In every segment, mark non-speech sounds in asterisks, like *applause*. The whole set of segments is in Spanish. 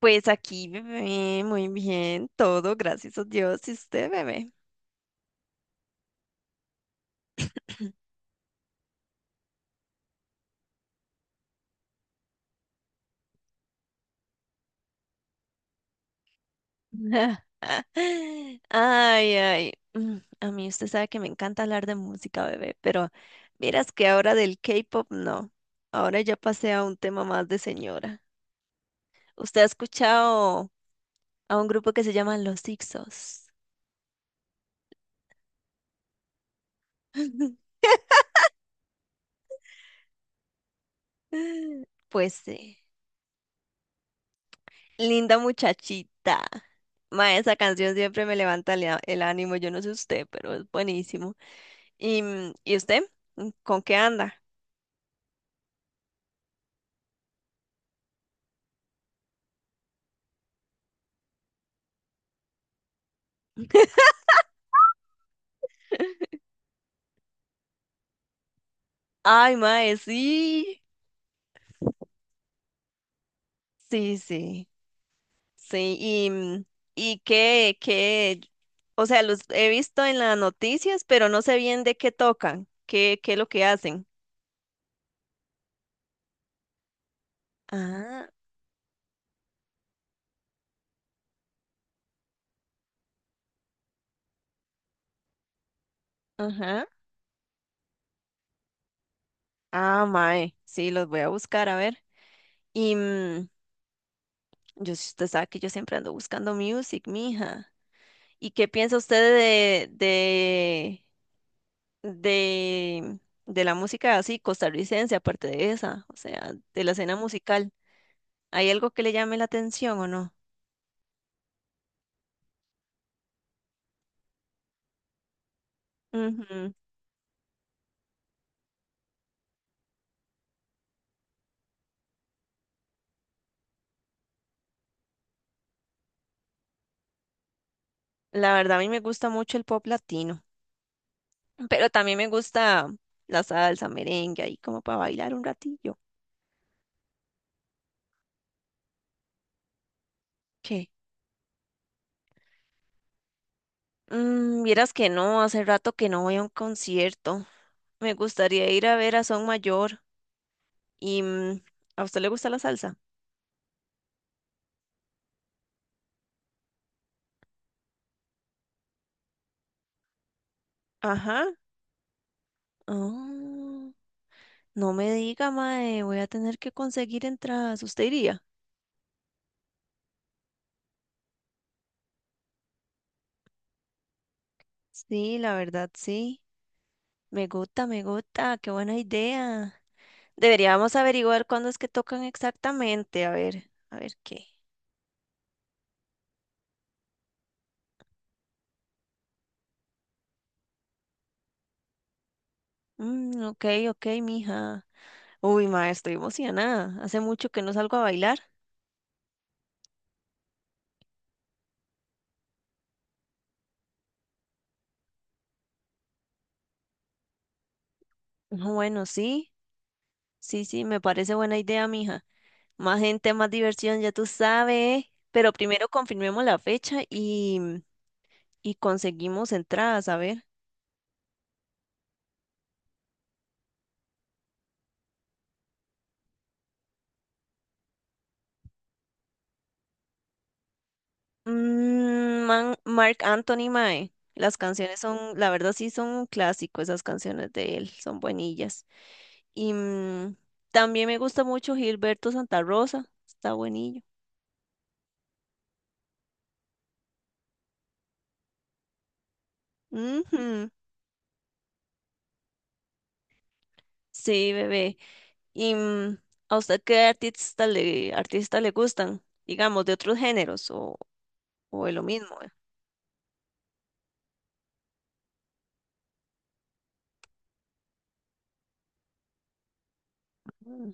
Pues aquí, bebé, muy bien, todo, gracias a Dios. ¿Y usted, bebé? *laughs* Ay, ay. A mí usted sabe que me encanta hablar de música, bebé, pero miras que ahora del K-pop no. Ahora ya pasé a un tema más de señora. ¿Usted ha escuchado a un grupo que se llama Los Ixos? *laughs* Pues sí. Linda muchachita. Ma, esa canción siempre me levanta el ánimo. Yo no sé usted, pero es buenísimo. ¿Y usted? ¿Con qué anda? *laughs* Ay, mae, sí. Sí, sí. Sí, y qué, qué, o sea, los he visto en las noticias, pero no sé bien de qué tocan, qué es lo que hacen. Ah, ajá. Ah, mae, sí, los voy a buscar, a ver. Y mm, yo, si usted sabe que yo siempre ando buscando music, mija. ¿Y qué piensa usted de, de de, de la música así costarricense, aparte de esa, o sea, de la escena musical? ¿Hay algo que le llame la atención o no? Ujú. La verdad, a mí me gusta mucho el pop latino, pero también me gusta la salsa, merengue, ahí como para bailar un ratillo. ¿Qué? Mm, vieras que no, hace rato que no voy a un concierto. Me gustaría ir a ver a Son Mayor y mm, ¿a usted le gusta la salsa? Ajá. Oh. No me diga, mae, voy a tener que conseguir entradas. ¿Usted iría? Sí, la verdad, sí. Me gusta, qué buena idea. Deberíamos averiguar cuándo es que tocan exactamente. A ver qué. Mm, ok, ok, mija. Uy, mae, estoy emocionada. Hace mucho que no salgo a bailar. No, bueno, sí, sí, sí, me parece buena idea, mija. Más gente, más diversión, ya tú sabes. Pero primero confirmemos la fecha y conseguimos entradas, a ver. Mm, man, Marc Anthony mae. Las canciones son, la verdad sí son un clásico, esas canciones de él, son buenillas. Y mm, también me gusta mucho Gilberto Santa Rosa, está buenillo. Ujú, sí, bebé. ¿Y mm, ¿a usted qué artista le gustan? Digamos, de otros géneros o de lo mismo, ¿eh? Mm,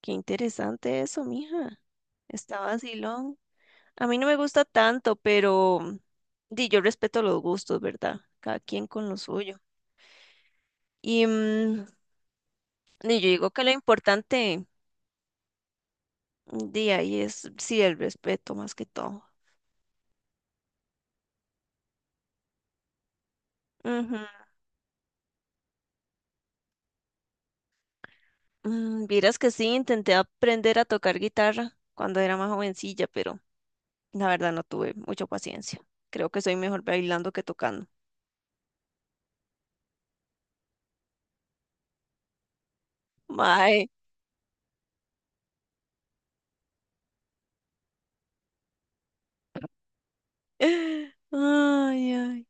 qué interesante eso, mija. Está vacilón. A mí no me gusta tanto, pero di, yo respeto los gustos, ¿verdad? Cada quien con lo suyo. Y mm, di, yo digo que lo importante de ahí es, sí, el respeto más que todo. Ujú. Mm, vieras que sí, intenté aprender a tocar guitarra cuando era más jovencilla, pero la verdad no tuve mucha paciencia. Creo que soy mejor bailando que tocando. Mae, *laughs* ay, ay.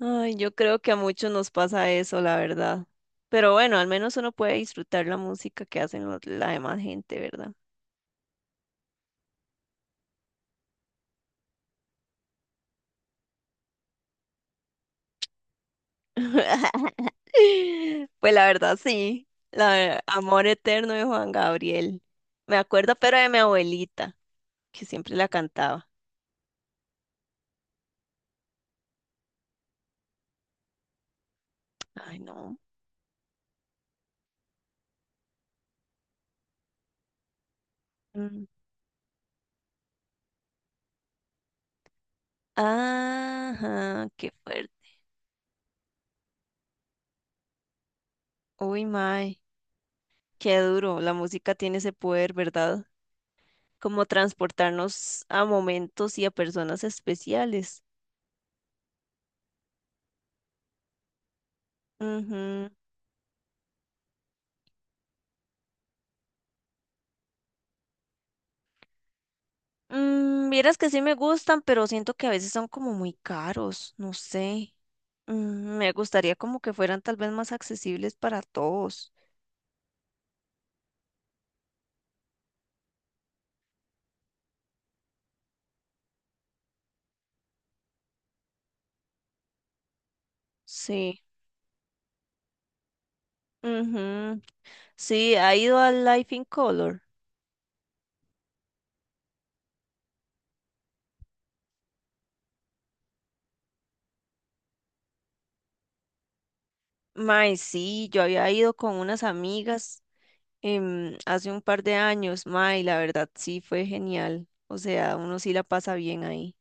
Ay, yo creo que a muchos nos pasa eso, la verdad. Pero bueno, al menos uno puede disfrutar la música que hacen la demás gente, ¿verdad? *laughs* Pues la verdad, sí. Amor Eterno de Juan Gabriel. Me acuerdo, pero de mi abuelita, que siempre la cantaba. Ay, no. Mm. Ajá, qué fuerte. Uy, mae, qué duro. La música tiene ese poder, ¿verdad? Como transportarnos a momentos y a personas especiales. Ujú. Mm, vieras que sí me gustan, pero siento que a veces son como muy caros, no sé. Me gustaría como que fueran tal vez más accesibles para todos. Sí. Ujú. Sí, ha ido al Life in Color. Mae, sí, yo había ido con unas amigas hace un par de años, mae, y la verdad sí fue genial. O sea, uno sí la pasa bien ahí.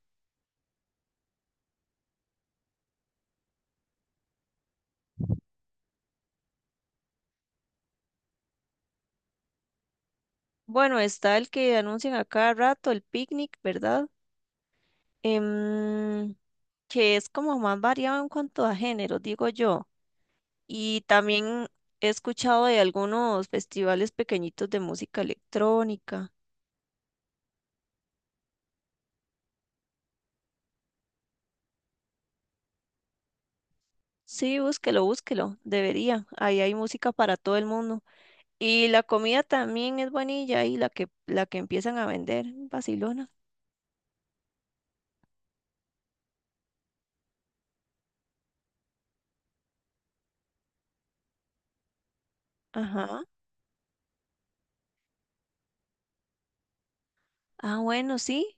Bueno, está el que anuncian a cada rato, el picnic, ¿verdad? Em, que es como más variado en cuanto a género, digo yo. Y también he escuchado de algunos festivales pequeñitos de música electrónica. Sí, búsquelo, búsquelo, debería. Ahí hay música para todo el mundo. Y la comida también es buenilla y la que empiezan a vender, Barcelona. Ajá. Ah, bueno, sí.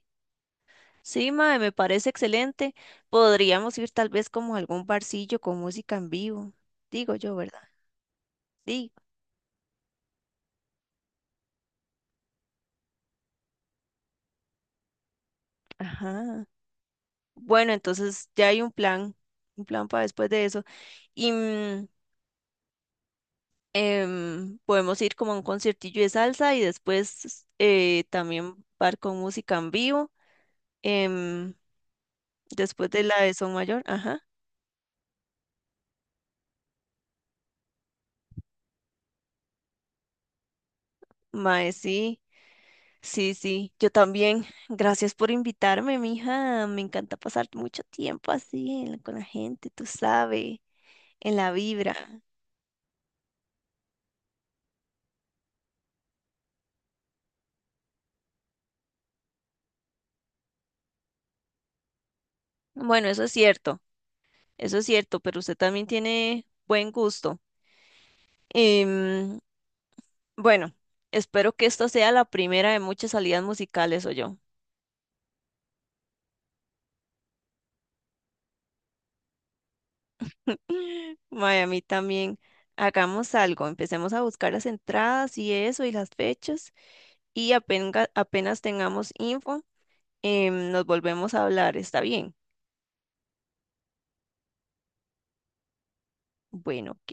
Sí, mae, me parece excelente. Podríamos ir tal vez como a algún barcillo con música en vivo. Digo yo, ¿verdad? Sí, ajá. Bueno, entonces ya hay un plan para después de eso. Y mm, podemos ir como a un conciertillo de salsa y después también bar con música en vivo. em, después de la de Son Mayor, ajá. Mae, sí. Sí, sí, yo también. Gracias por invitarme, mija. Me encanta pasar mucho tiempo así en con la gente, tú sabes, en la vibra. Bueno, eso es cierto, pero usted también tiene buen gusto. Em, bueno, espero que esta sea la primera de muchas salidas musicales, o yo. Miami también. Hagamos algo, empecemos a buscar las entradas y eso y las fechas y apenas tengamos info, nos volvemos a hablar, ¿está bien? Bueno, ok.